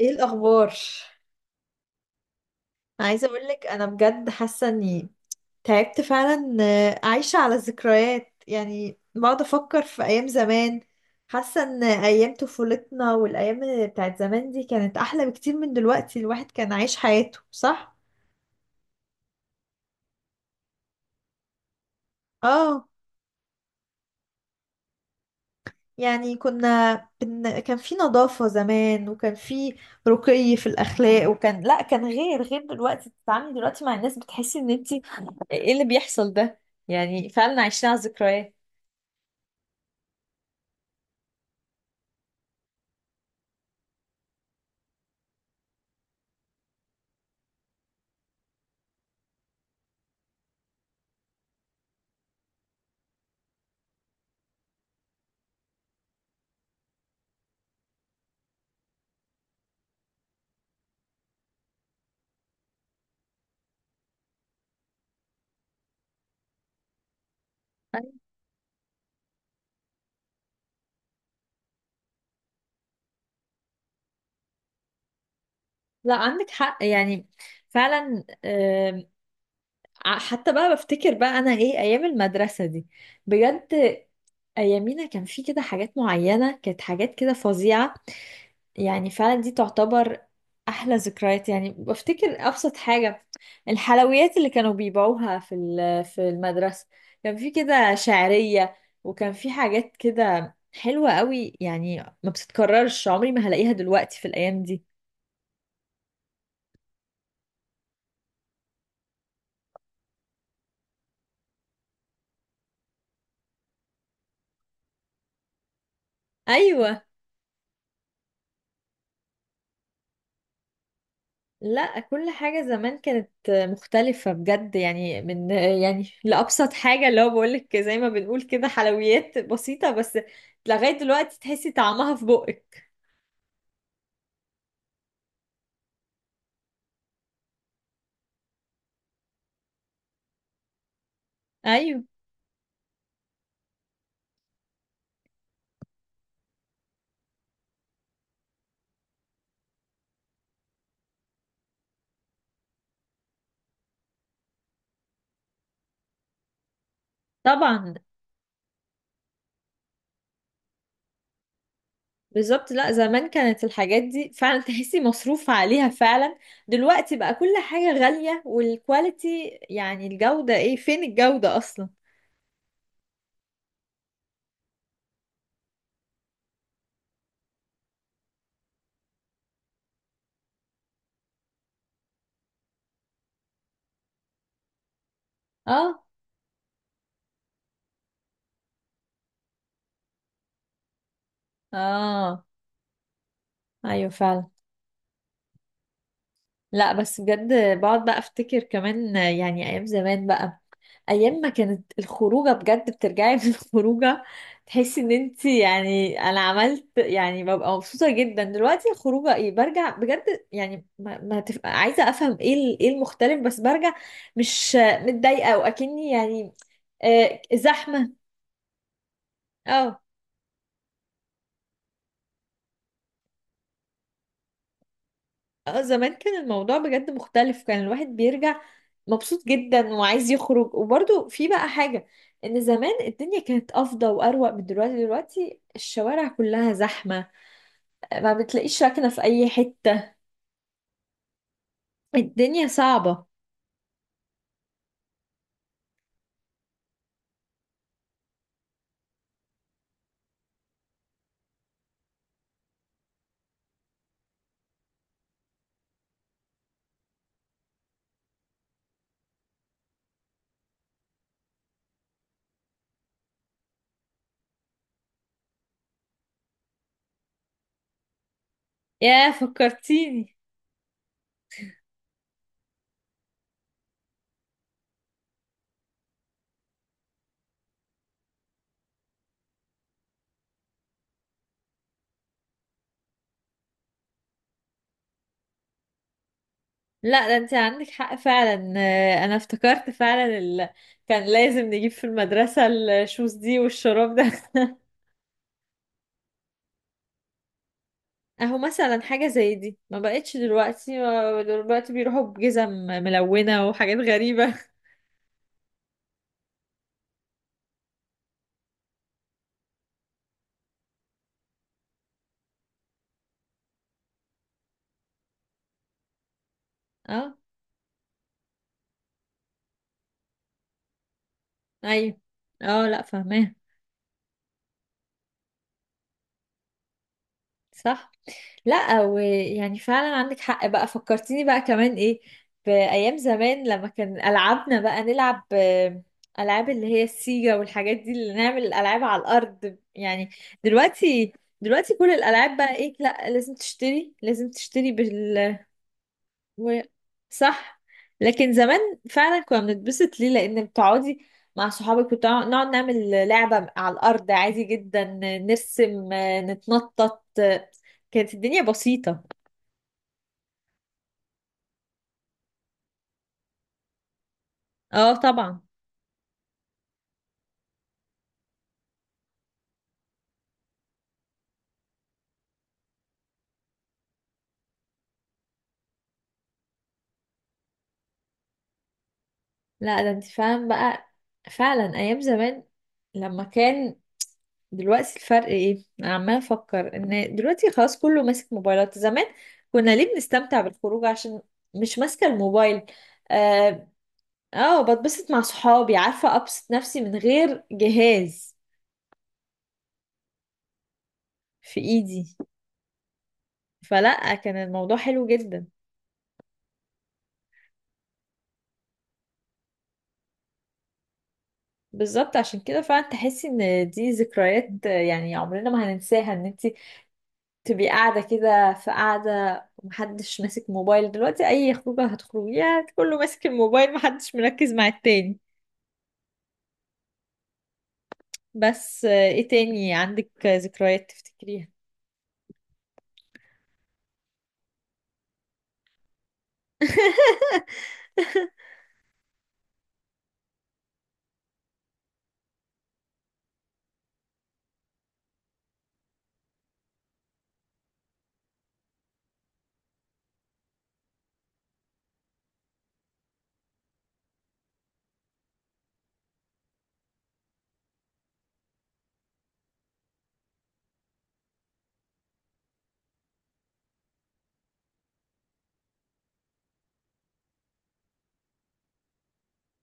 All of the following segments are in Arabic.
ايه الاخبار؟ عايزه اقول لك انا بجد حاسه اني تعبت فعلا، عايشه على الذكريات. يعني بقعد افكر في ايام زمان، حاسه ان ايام طفولتنا والايام بتاعت زمان دي كانت احلى بكتير من دلوقتي. الواحد كان عايش حياته صح. اه. يعني كنا كان في نظافه زمان، وكان في رقي في الاخلاق، وكان لا، كان غير دلوقتي. بتتعاملي دلوقتي مع الناس بتحسي ان انتي ايه اللي بيحصل ده؟ يعني فعلا عايشين على الذكريات. لا عندك حق يعني فعلا. حتى بقى بفتكر بقى انا ايه ايام المدرسة دي، بجد. ايامينا كان في كده حاجات معينة، كانت حاجات كده فظيعة. يعني فعلا دي تعتبر احلى ذكريات. يعني بفتكر ابسط حاجة: الحلويات اللي كانوا بيبيعوها في في المدرسة، كان في كده شعرية، وكان في حاجات كده حلوة قوي، يعني ما بتتكررش، عمري ما هلاقيها دلوقتي في الايام دي. ايوه. لا، كل حاجة زمان كانت مختلفة بجد، يعني من، يعني لأبسط حاجة، اللي هو بقولك زي ما بنقول كده حلويات بسيطة بس لغاية دلوقتي تحسي طعمها في بقك. أيوة. طبعا. بالظبط. لا، زمان كانت الحاجات دي فعلا تحسي مصروف عليها فعلا. دلوقتي بقى كل حاجة غالية، والكواليتي يعني الجودة، ايه، فين الجودة أصلا؟ اه اه، أيوة فعلا. لا بس بجد بقعد بقى افتكر كمان يعني ايام زمان بقى، ايام ما كانت الخروجه بجد، بترجعي من الخروجه تحسي ان انت، يعني انا عملت، يعني ببقى مبسوطه جدا. دلوقتي الخروجه، ايه، برجع بجد، يعني ما عايزه افهم ايه ايه المختلف، بس برجع مش متضايقه واكني يعني. آه، زحمه. اه. اه، زمان كان الموضوع بجد مختلف، كان الواحد بيرجع مبسوط جدا وعايز يخرج، وبرضه في بقى حاجة، ان زمان الدنيا كانت افضل واروق من دلوقتي. دلوقتي الشوارع كلها زحمة، ما بتلاقيش راكنة في اي حتة، الدنيا صعبة. يا فكرتيني! لا ده انت عندك حق فعلا، انا افتكرت فعلا كان لازم نجيب في المدرسة الشوز دي والشراب ده اهو مثلا حاجة زي دي ما بقتش دلوقتي، دلوقتي بيروحوا بجزم ملونة وحاجات غريبة. اه. ايوه. اه، لا فاهماه. صح. لا، ويعني فعلا عندك حق بقى، فكرتيني بقى كمان ايه بأيام زمان، لما كان ألعابنا بقى نلعب، ألعاب اللي هي السيجا والحاجات دي، اللي نعمل الألعاب على الأرض يعني. دلوقتي دلوقتي كل الألعاب بقى ايه؟ لا لازم تشتري، لازم تشتري و... صح. لكن زمان فعلا كنا بنتبسط ليه؟ لان بتقعدي مع صحابك، نقعد نعمل لعبة على الارض عادي جدا، نرسم، نتنطط، كانت الدنيا بسيطة. اه طبعا. لا ده انت فاهم بقى. فعلا ايام زمان لما كان. دلوقتي الفرق ايه؟ انا عمالة افكر ان دلوقتي خلاص كله ماسك موبايلات. زمان كنا ليه بنستمتع بالخروج؟ عشان مش ماسكة الموبايل. آه. اه، بتبسط مع صحابي، عارفة، ابسط نفسي من غير جهاز في ايدي، فلا كان الموضوع حلو جدا. بالظبط، عشان كده فعلا تحسي ان دي ذكريات يعني عمرنا ما هننساها، ان انت تبقي قاعدة كده، في قاعدة ومحدش ماسك موبايل. دلوقتي اي خروجة هتخرجيها كله ماسك الموبايل، محدش مركز مع التاني. بس ايه تاني عندك ذكريات تفتكريها؟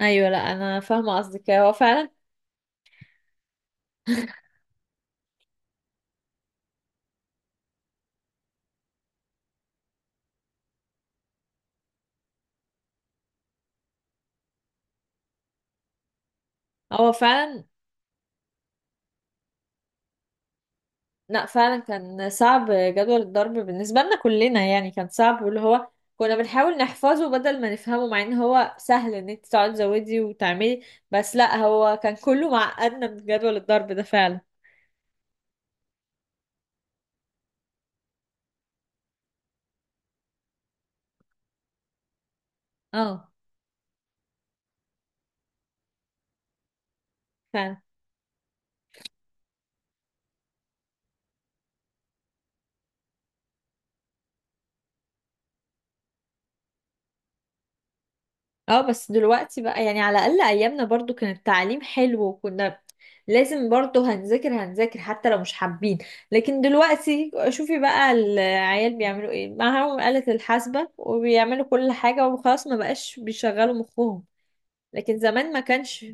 ايوه. لا انا فاهمة قصدك، هو فعلا، هو فعلا. لا فعلا كان صعب جدول الضرب بالنسبة لنا كلنا، يعني كان صعب، واللي هو كنا بنحاول نحفظه بدل ما نفهمه، مع ان هو سهل ان انت تقعدي تزودي وتعملي، بس لا هو كان كله معقدنا من جدول الضرب ده فعلا. اه فعلا. اه، بس دلوقتي بقى يعني على الأقل أيامنا برضو كان التعليم حلو، وكنا لازم برضو هنذاكر هنذاكر حتى لو مش حابين. لكن دلوقتي شوفي بقى العيال بيعملوا ايه، معاهم آلة الحاسبة وبيعملوا كل حاجة وخلاص، ما بقاش بيشغلوا مخهم. لكن زمان ما كانش.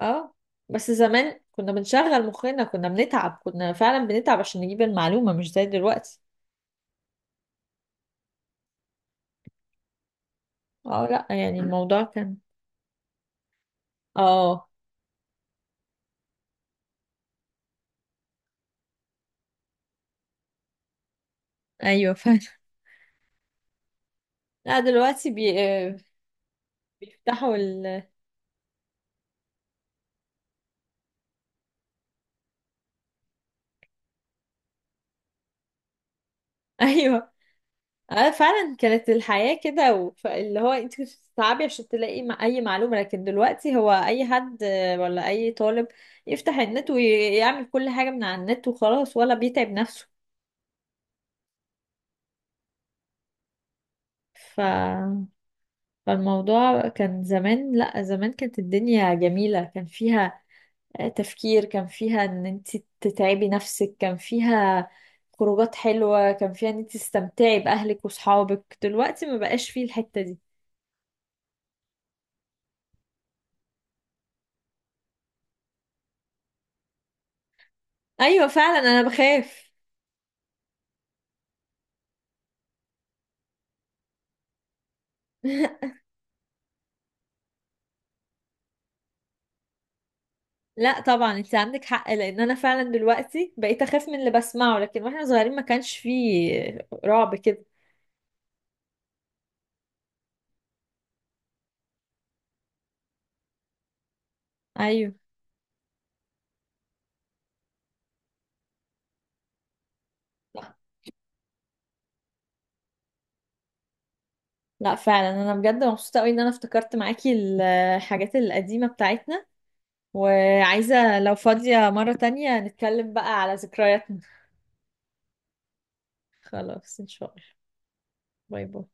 اه، بس زمان كنا بنشغل مخنا، كنا بنتعب، كنا فعلا بنتعب عشان نجيب المعلومة مش زي دلوقتي. اه، لا يعني الموضوع كان. اه ايوه فعلا. لا دلوقتي بيفتحوا. ايوه، اه فعلا، كانت الحياة كده اللي هو انت كنت بتتعبي عشان تلاقي اي معلومة، لكن دلوقتي هو اي حد، ولا اي طالب يفتح النت ويعمل كل حاجة من على النت وخلاص، ولا بيتعب نفسه. ف... فالموضوع كان زمان، لا زمان كانت الدنيا جميلة، كان فيها تفكير، كان فيها ان انت تتعبي نفسك، كان فيها خروجات حلوة، كان فيها ان انت تستمتعي بأهلك وصحابك، دلوقتي ما بقاش فيه الحتة دي. ايوه فعلا انا بخاف. لا طبعا انت عندك حق، لان انا فعلا دلوقتي بقيت اخاف من اللي بسمعه، لكن واحنا صغيرين ما كانش فيه رعب كده. ايوه. لا، لا فعلا انا بجد مبسوطه قوي ان انا افتكرت معاكي الحاجات القديمه بتاعتنا، وعايزه لو فاضيه مره تانية نتكلم بقى على ذكرياتنا. خلاص ان شاء الله. باي باي.